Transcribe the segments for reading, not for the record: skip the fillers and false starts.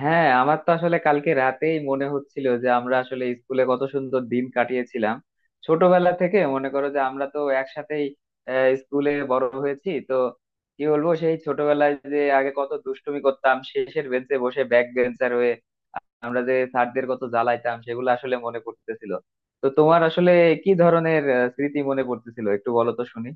হ্যাঁ, আমার তো আসলে কালকে রাতেই মনে হচ্ছিল যে আমরা আসলে স্কুলে কত সুন্দর দিন কাটিয়েছিলাম। ছোটবেলা থেকে মনে করো যে আমরা তো একসাথেই স্কুলে বড় হয়েছি তো। কি বলবো, সেই ছোটবেলায় যে আগে কত দুষ্টুমি করতাম শেষের বেঞ্চে বসে ব্যাক বেঞ্চার হয়ে। আমরা যে স্যারদের কত জ্বালাইতাম সেগুলো আসলে মনে পড়তেছিল। তো তোমার আসলে কি ধরনের স্মৃতি মনে পড়তেছিল একটু বলো তো শুনি।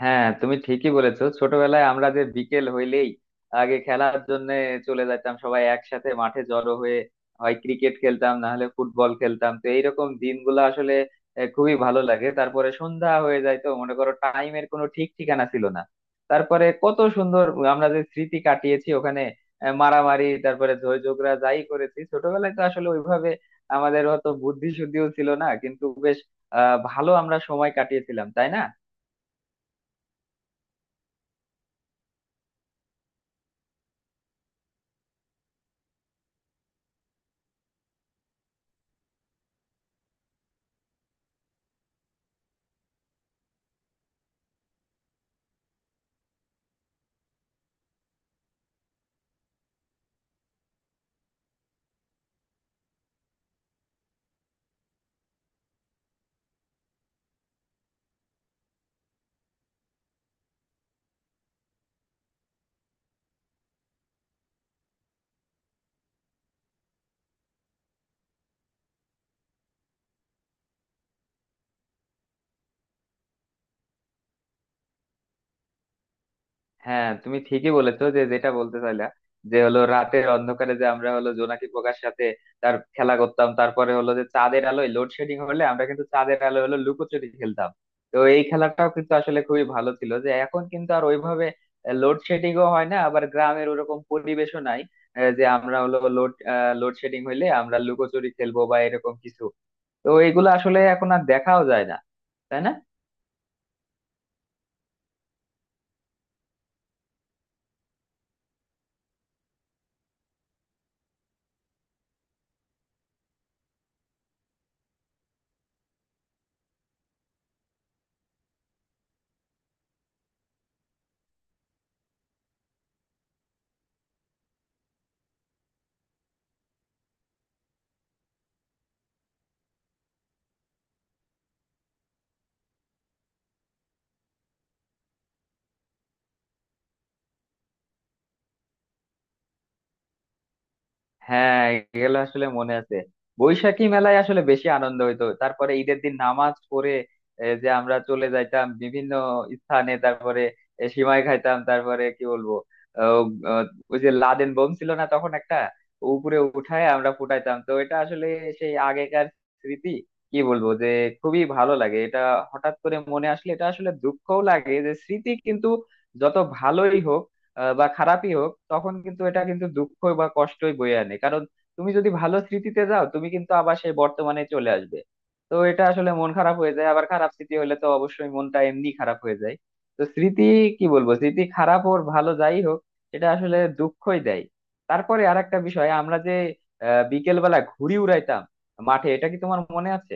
হ্যাঁ, তুমি ঠিকই বলেছো, ছোটবেলায় আমরা যে বিকেল হইলেই আগে খেলার জন্য চলে যেতাম সবাই একসাথে মাঠে জড়ো হয়ে। হয় ক্রিকেট খেলতাম না হলে ফুটবল খেলতাম, তো এইরকম দিনগুলো আসলে খুবই ভালো লাগে। তারপরে সন্ধ্যা হয়ে যায়, তো মনে করো টাইমের কোনো ঠিক ঠিকানা ছিল না। তারপরে কত সুন্দর আমরা যে স্মৃতি কাটিয়েছি ওখানে, মারামারি তারপরে ঝই ঝগড়া যাই করেছি ছোটবেলায় তো আসলে ওইভাবে আমাদের অত বুদ্ধি শুদ্ধিও ছিল না, কিন্তু বেশ ভালো আমরা সময় কাটিয়েছিলাম, তাই না? হ্যাঁ, তুমি ঠিকই বলেছো, যে যেটা বলতে চাইলা যে হলো রাতের অন্ধকারে যে আমরা হলো জোনাকি পোকার সাথে তার খেলা করতাম, তারপরে হলো যে চাঁদের আলোয়, লোডশেডিং হলে আমরা কিন্তু চাঁদের আলোয় হলো লুকোচুরি খেলতাম। তো এই খেলাটাও কিন্তু আসলে খুবই ভালো ছিল, যে এখন কিন্তু আর ওইভাবে লোডশেডিংও হয় না, আবার গ্রামের ওরকম পরিবেশও নাই যে আমরা হলো লোডশেডিং হইলে আমরা লুকোচুরি খেলবো বা এরকম কিছু। তো এইগুলো আসলে এখন আর দেখাও যায় না, তাই না? হ্যাঁ, এগুলো আসলে মনে আছে। বৈশাখী মেলায় আসলে বেশি আনন্দ হইতো, তারপরে ঈদের দিন নামাজ পড়ে যে আমরা চলে যাইতাম বিভিন্ন স্থানে। তারপরে সিমাই খাইতাম, তারপরে কি বলবো। আহ, আহ, ওই যে লাদেন বোম ছিল না তখন একটা, উপরে উঠায় আমরা ফুটাইতাম। তো এটা আসলে সেই আগেকার স্মৃতি, কি বলবো যে খুবই ভালো লাগে এটা। হঠাৎ করে মনে আসলে এটা আসলে দুঃখও লাগে, যে স্মৃতি কিন্তু যত ভালোই হোক বা খারাপই হোক, তখন কিন্তু এটা কিন্তু দুঃখ বা কষ্টই বয়ে আনে। কারণ তুমি যদি ভালো স্মৃতিতে যাও, তুমি কিন্তু আবার সেই বর্তমানে চলে আসবে। তো এটা আসলে মন খারাপ হয়ে যায়, আবার খারাপ স্মৃতি হলে তো অবশ্যই মনটা এমনি খারাপ হয়ে যায়। তো স্মৃতি, কি বলবো, স্মৃতি খারাপ হোক ভালো যাই হোক, এটা আসলে দুঃখই দেয়। তারপরে আরেকটা বিষয়, আমরা যে বিকেল বেলা ঘুড়ি উড়াইতাম মাঠে, এটা কি তোমার মনে আছে?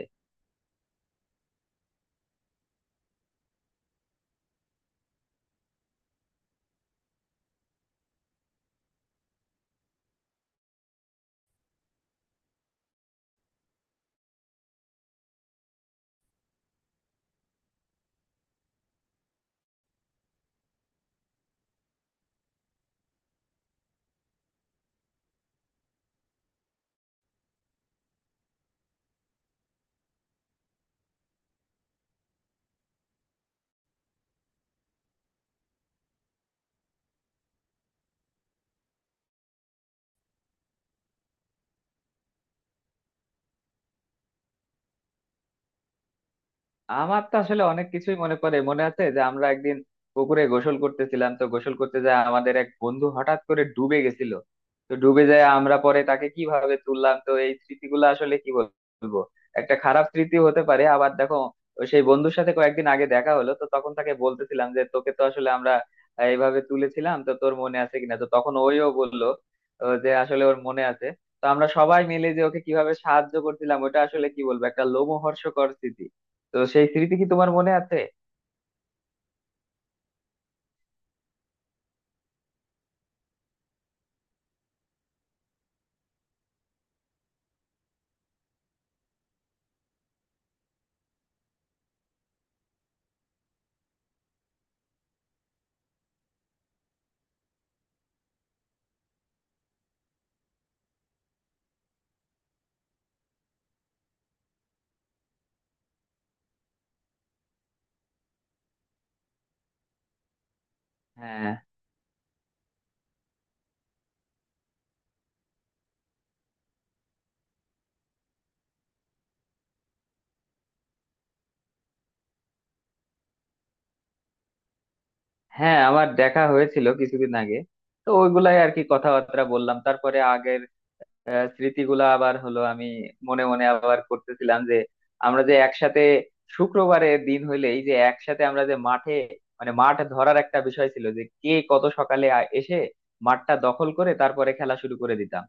আমার তো আসলে অনেক কিছুই মনে পড়ে। মনে আছে যে আমরা একদিন পুকুরে গোসল করতেছিলাম, তো গোসল করতে যায় আমাদের এক বন্ধু হঠাৎ করে ডুবে গেছিল। তো ডুবে যায়, আমরা পরে তাকে কিভাবে তুললাম, তো এই স্মৃতিগুলো আসলে কি বলবো, একটা খারাপ স্মৃতি হতে পারে। আবার দেখো, সেই বন্ধুর সাথে কয়েকদিন আগে দেখা হলো, তো তখন তাকে বলতেছিলাম যে তোকে তো আসলে আমরা এইভাবে তুলেছিলাম, তো তোর মনে আছে কিনা। তো তখন ওইও বললো যে আসলে ওর মনে আছে। তো আমরা সবাই মিলে যে ওকে কিভাবে সাহায্য করছিলাম ওটা আসলে কি বলবো, একটা লোমহর্ষকর স্মৃতি। তো সেই স্মৃতি কি তোমার মনে আছে? হ্যাঁ, হ্যাঁ, আমার দেখা হয়েছিল কিছুদিন আগে। তো ওইগুলাই আর কি কথাবার্তা বললাম, তারপরে আগে স্মৃতিগুলা আবার হলো, আমি মনে মনে আবার করতেছিলাম যে আমরা যে একসাথে শুক্রবারে দিন হইলে এই যে একসাথে আমরা যে মাঠে, মানে মাঠ ধরার একটা বিষয় ছিল যে কে কত সকালে এসে মাঠটা দখল করে তারপরে খেলা শুরু করে দিতাম।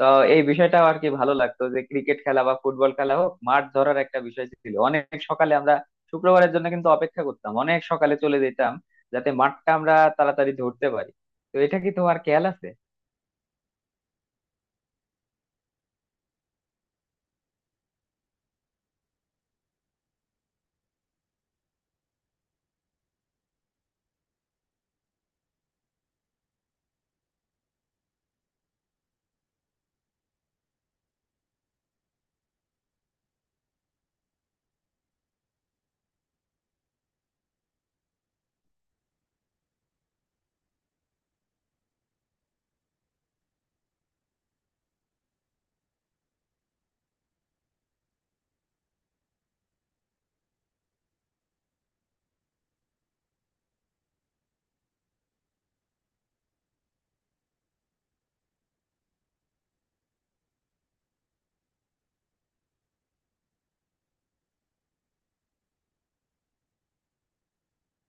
তো এই বিষয়টা আর কি ভালো লাগতো, যে ক্রিকেট খেলা বা ফুটবল খেলা হোক, মাঠ ধরার একটা বিষয় ছিল। অনেক সকালে আমরা শুক্রবারের জন্য কিন্তু অপেক্ষা করতাম, অনেক সকালে চলে যেতাম, যাতে মাঠটা আমরা তাড়াতাড়ি ধরতে পারি। তো এটা কি তোমার খেয়াল আছে?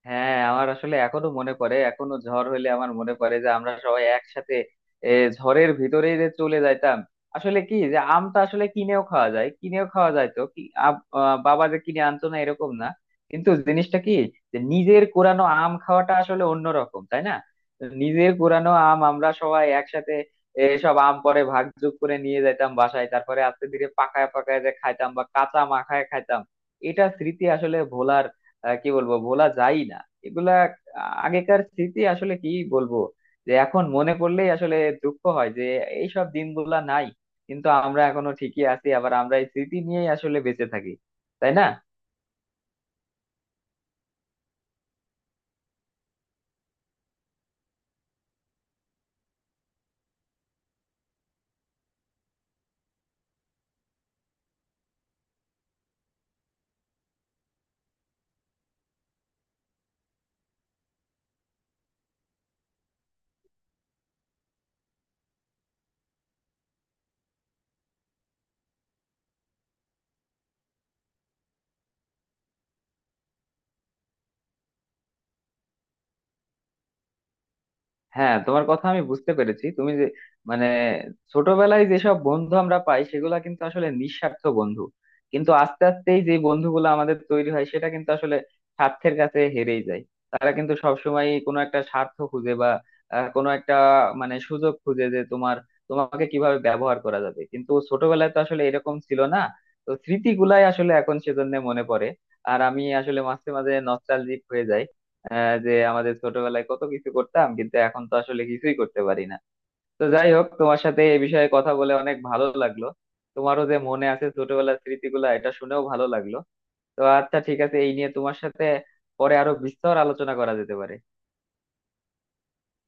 হ্যাঁ, আমার আসলে এখনো মনে পড়ে। এখনো ঝড় হইলে আমার মনে পড়ে যে আমরা সবাই একসাথে এ, ঝড়ের ভিতরে যে চলে যাইতাম। আসলে কি, যে আমটা আসলে কিনেও খাওয়া যায়, কিনেও খাওয়া যায়, তো কি বাবা যে কিনে আনতো না এরকম না, কিন্তু জিনিসটা কি, যে নিজের কোরানো আম খাওয়াটা আসলে অন্যরকম, তাই না? তো নিজের কোরানো আম আমরা সবাই একসাথে সব আম পরে ভাগযোগ করে নিয়ে যাইতাম বাসায়, তারপরে আস্তে ধীরে পাকায় পাকায় যে খাইতাম বা কাঁচা মাখায় খাইতাম। এটা স্মৃতি আসলে ভোলার কি বলবো, ভোলা যায় না এগুলা। আগেকার স্মৃতি আসলে কি বলবো, যে এখন মনে করলেই আসলে দুঃখ হয় যে এইসব দিনগুলা নাই। কিন্তু আমরা এখনো ঠিকই আছি, আবার আমরা এই স্মৃতি নিয়েই আসলে বেঁচে থাকি, তাই না? হ্যাঁ, তোমার কথা আমি বুঝতে পেরেছি। তুমি যে মানে ছোটবেলায় যেসব বন্ধু আমরা পাই সেগুলা কিন্তু আসলে নিঃস্বার্থ বন্ধু, কিন্তু আস্তে আস্তেই যে বন্ধুগুলো আমাদের তৈরি হয় সেটা কিন্তু আসলে স্বার্থের কাছে হেরেই যায়। তারা কিন্তু সবসময় কোনো একটা স্বার্থ খুঁজে বা কোনো একটা মানে সুযোগ খুঁজে যে তোমার, তোমাকে কিভাবে ব্যবহার করা যাবে। কিন্তু ছোটবেলায় তো আসলে এরকম ছিল না। তো স্মৃতিগুলাই আসলে এখন সেজন্য মনে পড়ে। আর আমি আসলে মাঝে মাঝে নস্টালজিক হয়ে যাই যে আমাদের ছোটবেলায় কত কিছু করতাম, কিন্তু এখন তো আসলে কিছুই করতে পারি না। তো যাই হোক, তোমার সাথে এই বিষয়ে কথা বলে অনেক ভালো লাগলো। তোমারও যে মনে আছে ছোটবেলার স্মৃতিগুলা, এটা শুনেও ভালো লাগলো। তো আচ্ছা, ঠিক আছে, এই নিয়ে তোমার সাথে পরে আরো বিস্তর আলোচনা করা যেতে পারে।